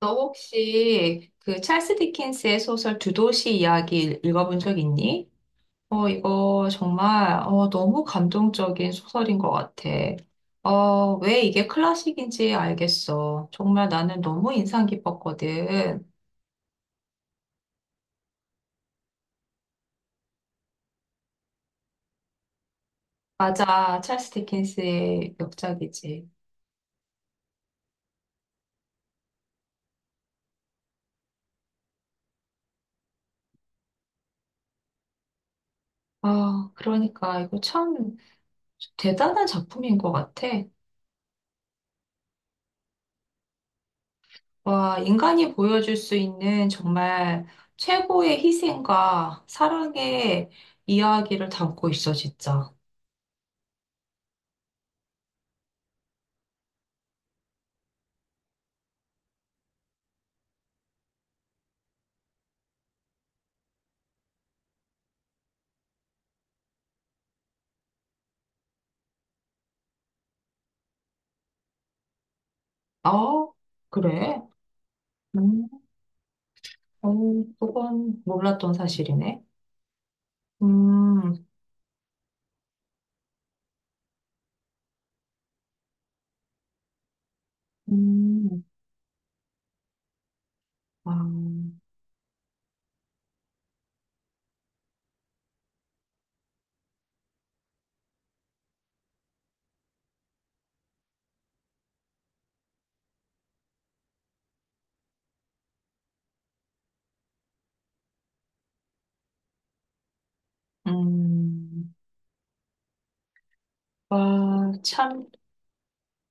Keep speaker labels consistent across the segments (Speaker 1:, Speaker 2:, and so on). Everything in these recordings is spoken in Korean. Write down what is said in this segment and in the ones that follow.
Speaker 1: 너 혹시 그 찰스 디킨스의 소설 두 도시 이야기 읽어본 적 있니? 이거 정말 너무 감동적인 소설인 것 같아. 왜 이게 클래식인지 알겠어. 정말 나는 너무 인상 깊었거든. 맞아, 찰스 디킨스의 역작이지. 아, 그러니까 이거 참 대단한 작품인 것 같아. 와, 인간이 보여줄 수 있는 정말 최고의 희생과 사랑의 이야기를 담고 있어, 진짜. 어? 그래? 음, 어, 그건 몰랐던 사실이네. 음, 음, 와, 음, 와, 참.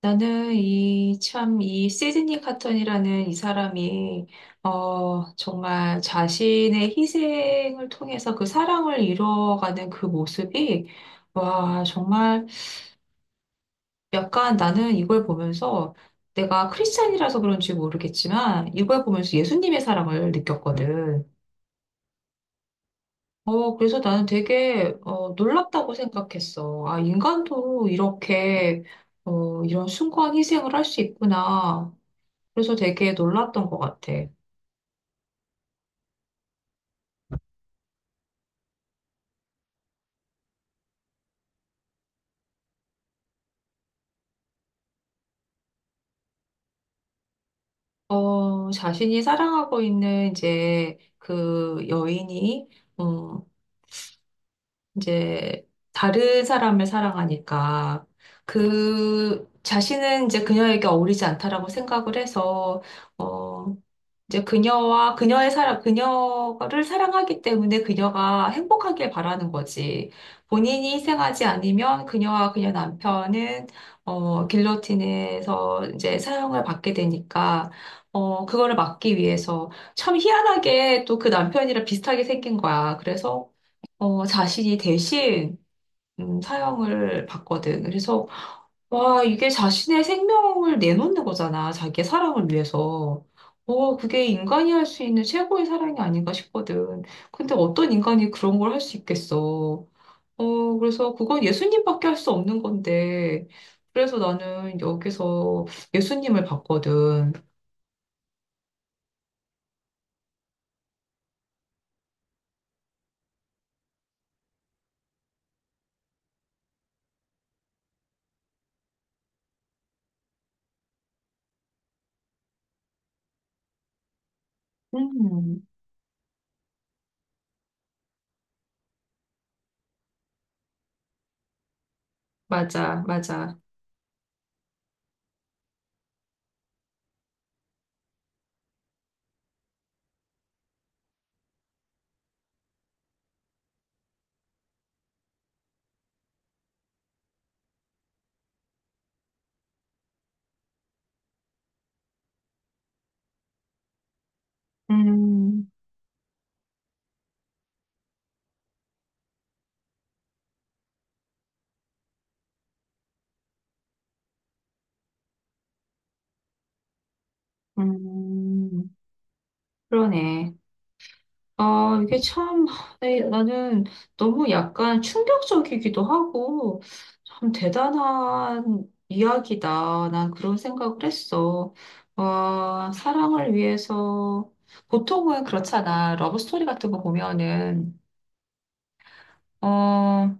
Speaker 1: 나는 이, 참, 이 시드니 카턴이라는 이 사람이, 정말 자신의 희생을 통해서 그 사랑을 이뤄가는 그 모습이, 와, 정말 약간 나는 이걸 보면서 내가 크리스찬이라서 그런지 모르겠지만, 이걸 보면서 예수님의 사랑을 느꼈거든. 어, 그래서 나는 되게, 놀랍다고 생각했어. 아, 인간도 이렇게, 이런 숭고한 희생을 할 수 있구나. 그래서 되게 놀랐던 것 같아. 자신이 사랑하고 있는 이제 그 여인이, 음, 이제 다른 사람을 사랑하니까 그 자신은 이제 그녀에게 어울리지 않다라고 생각을 해서, 어, 이제 그녀와 그녀의 사랑, 그녀를 사랑하기 때문에 그녀가 행복하길 바라는 거지. 본인이 희생하지 않으면 그녀와 그녀 남편은 길로틴에서 이제 사형을 받게 되니까 그거를 막기 위해서 참 희한하게 또 그 남편이랑 비슷하게 생긴 거야. 그래서 자신이 대신 사형을 받거든. 그래서 와, 이게 자신의 생명을 내놓는 거잖아. 자기의 사랑을 위해서. 그게 인간이 할 수 있는 최고의 사랑이 아닌가 싶거든. 근데 어떤 인간이 그런 걸 할 수 있겠어. 어, 그래서 그건 예수님밖에 할 수 없는 건데. 그래서 나는 여기서 예수님을 봤거든. 음, 맞아, 맞아. 음, 음, 그러네. 아, 이게 참, 에, 나는 너무 약간 충격적이기도 하고, 참 대단한 이야기다. 난 그런 생각을 했어. 와, 사랑을 위해서, 보통은 그렇잖아. 러브스토리 같은 거 보면은, 어,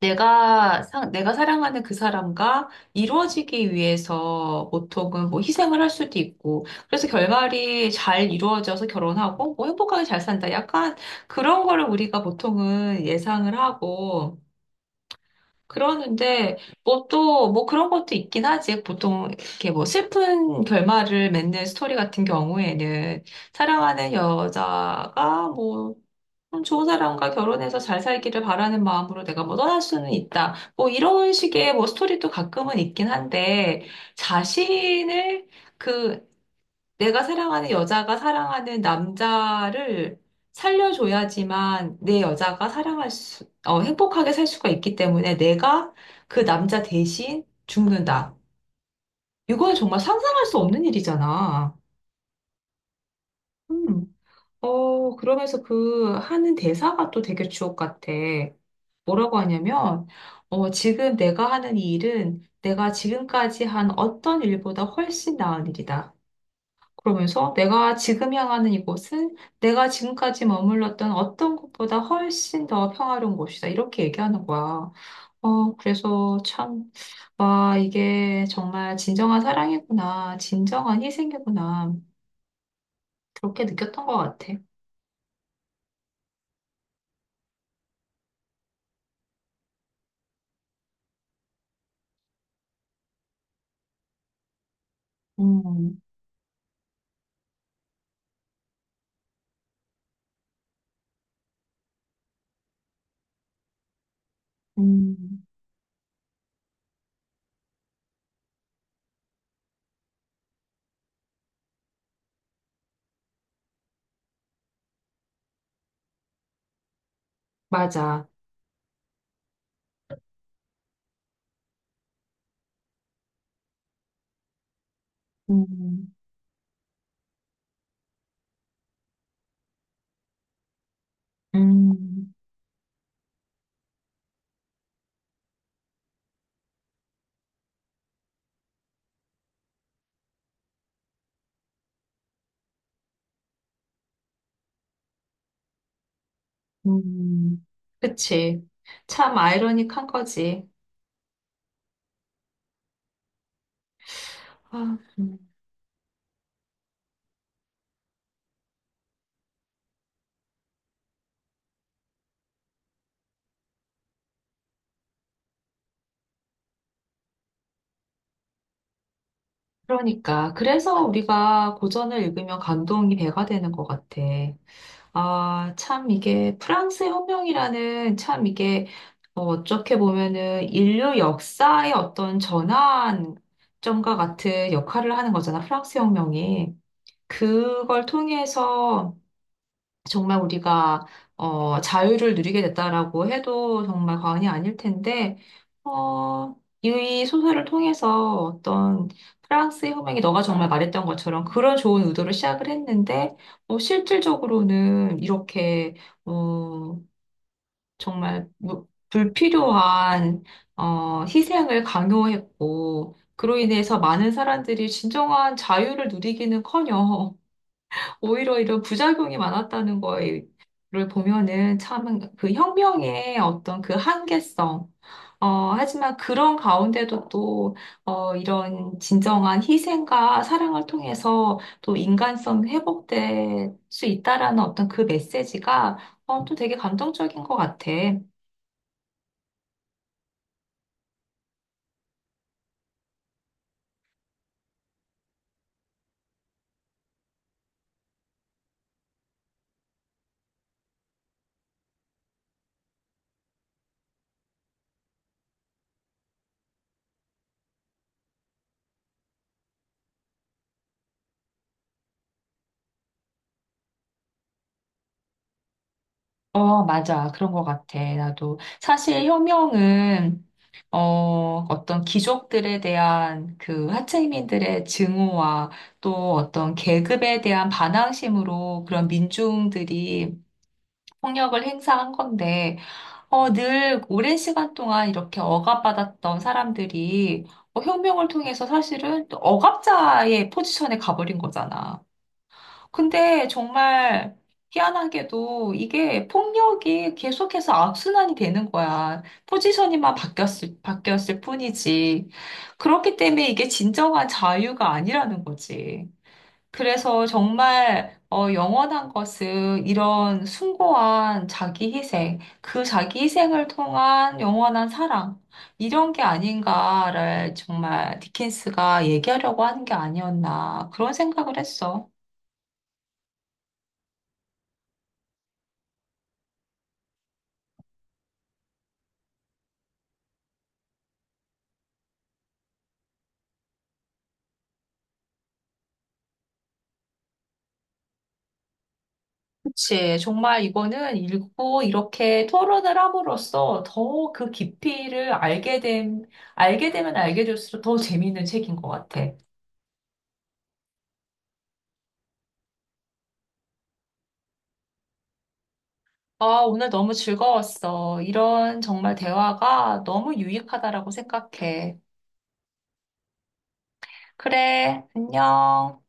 Speaker 1: 내가 상, 내가 사랑하는 그 사람과 이루어지기 위해서 보통은 뭐 희생을 할 수도 있고, 그래서 결말이 잘 이루어져서 결혼하고, 뭐 행복하게 잘 산다. 약간 그런 거를 우리가 보통은 예상을 하고, 그러는데, 뭐 또, 뭐 그런 것도 있긴 하지. 보통 이렇게 뭐 슬픈 결말을 맺는 스토리 같은 경우에는 사랑하는 여자가 뭐 좋은 사람과 결혼해서 잘 살기를 바라는 마음으로 내가 뭐 떠날 수는 있다. 뭐 이런 식의 뭐 스토리도 가끔은 있긴 한데 자신을 그 내가 사랑하는 여자가 사랑하는 남자를 살려줘야지만 내 여자가 사랑할 수, 행복하게 살 수가 있기 때문에 내가 그 남자 대신 죽는다. 이건 정말 상상할 수 없는 일이잖아. 음. 그러면서 그 하는 대사가 또 되게 주옥 같아. 뭐라고 하냐면, 지금 내가 하는 이 일은 내가 지금까지 한 어떤 일보다 훨씬 나은 일이다. 그러면서 내가 지금 향하는 이곳은 내가 지금까지 머물렀던 어떤 곳보다 훨씬 더 평화로운 곳이다. 이렇게 얘기하는 거야. 그래서 참, 와, 이게 정말 진정한 사랑이구나. 진정한 희생이구나. 그렇게 느꼈던 것 같아. 음, 음. 맞아. 음, 음, 음. 그치. 참 아이러닉한 거지. 아, 그러니까. 그래서 우리가 고전을 읽으면 감동이 배가 되는 것 같아. 아, 참 이게 프랑스 혁명이라는 참 이게 어떻게 보면은 인류 역사의 어떤 전환점과 같은 역할을 하는 거잖아. 프랑스 혁명이. 그걸 통해서 정말 우리가 자유를 누리게 됐다라고 해도 정말 과언이 아닐 텐데 어, 이 소설을 통해서 어떤 프랑스의 호명이 너가 정말 말했던 것처럼 그런 좋은 의도로 시작을 했는데 실질적으로는 이렇게 어, 정말 불필요한 희생을 강요했고 그로 인해서 많은 사람들이 진정한 자유를 누리기는커녕 오히려 이런 부작용이 많았다는 거를 보면은 참 그 혁명의 어떤 그 한계성. 하지만 그런 가운데도 또, 이런 진정한 희생과 사랑을 통해서 또 인간성 회복될 수 있다라는 어떤 그 메시지가, 또 되게 감동적인 것 같아. 어, 맞아. 그런 것 같아. 나도. 사실 혁명은 어떤 귀족들에 대한 그 하층민들의 증오와 또 어떤 계급에 대한 반항심으로 그런 민중들이 폭력을 행사한 건데, 늘 오랜 시간 동안 이렇게 억압받았던 사람들이 혁명을 통해서 사실은 또 억압자의 포지션에 가버린 거잖아. 근데 정말 희한하게도 이게 폭력이 계속해서 악순환이 되는 거야. 포지션이만 바뀌었을 뿐이지. 그렇기 때문에 이게 진정한 자유가 아니라는 거지. 그래서 정말 영원한 것은 이런 숭고한 자기 희생, 그 자기 희생을 통한 영원한 사랑, 이런 게 아닌가를 정말 디킨스가 얘기하려고 하는 게 아니었나, 그런 생각을 했어. 그치. 정말 이거는 읽고 이렇게 토론을 함으로써 더 그 깊이를 알게 됨, 알게 되면 알게 될수록 더 재미있는 책인 것 같아. 아, 오늘 너무 즐거웠어. 이런 정말 대화가 너무 유익하다라고 생각해. 그래, 안녕.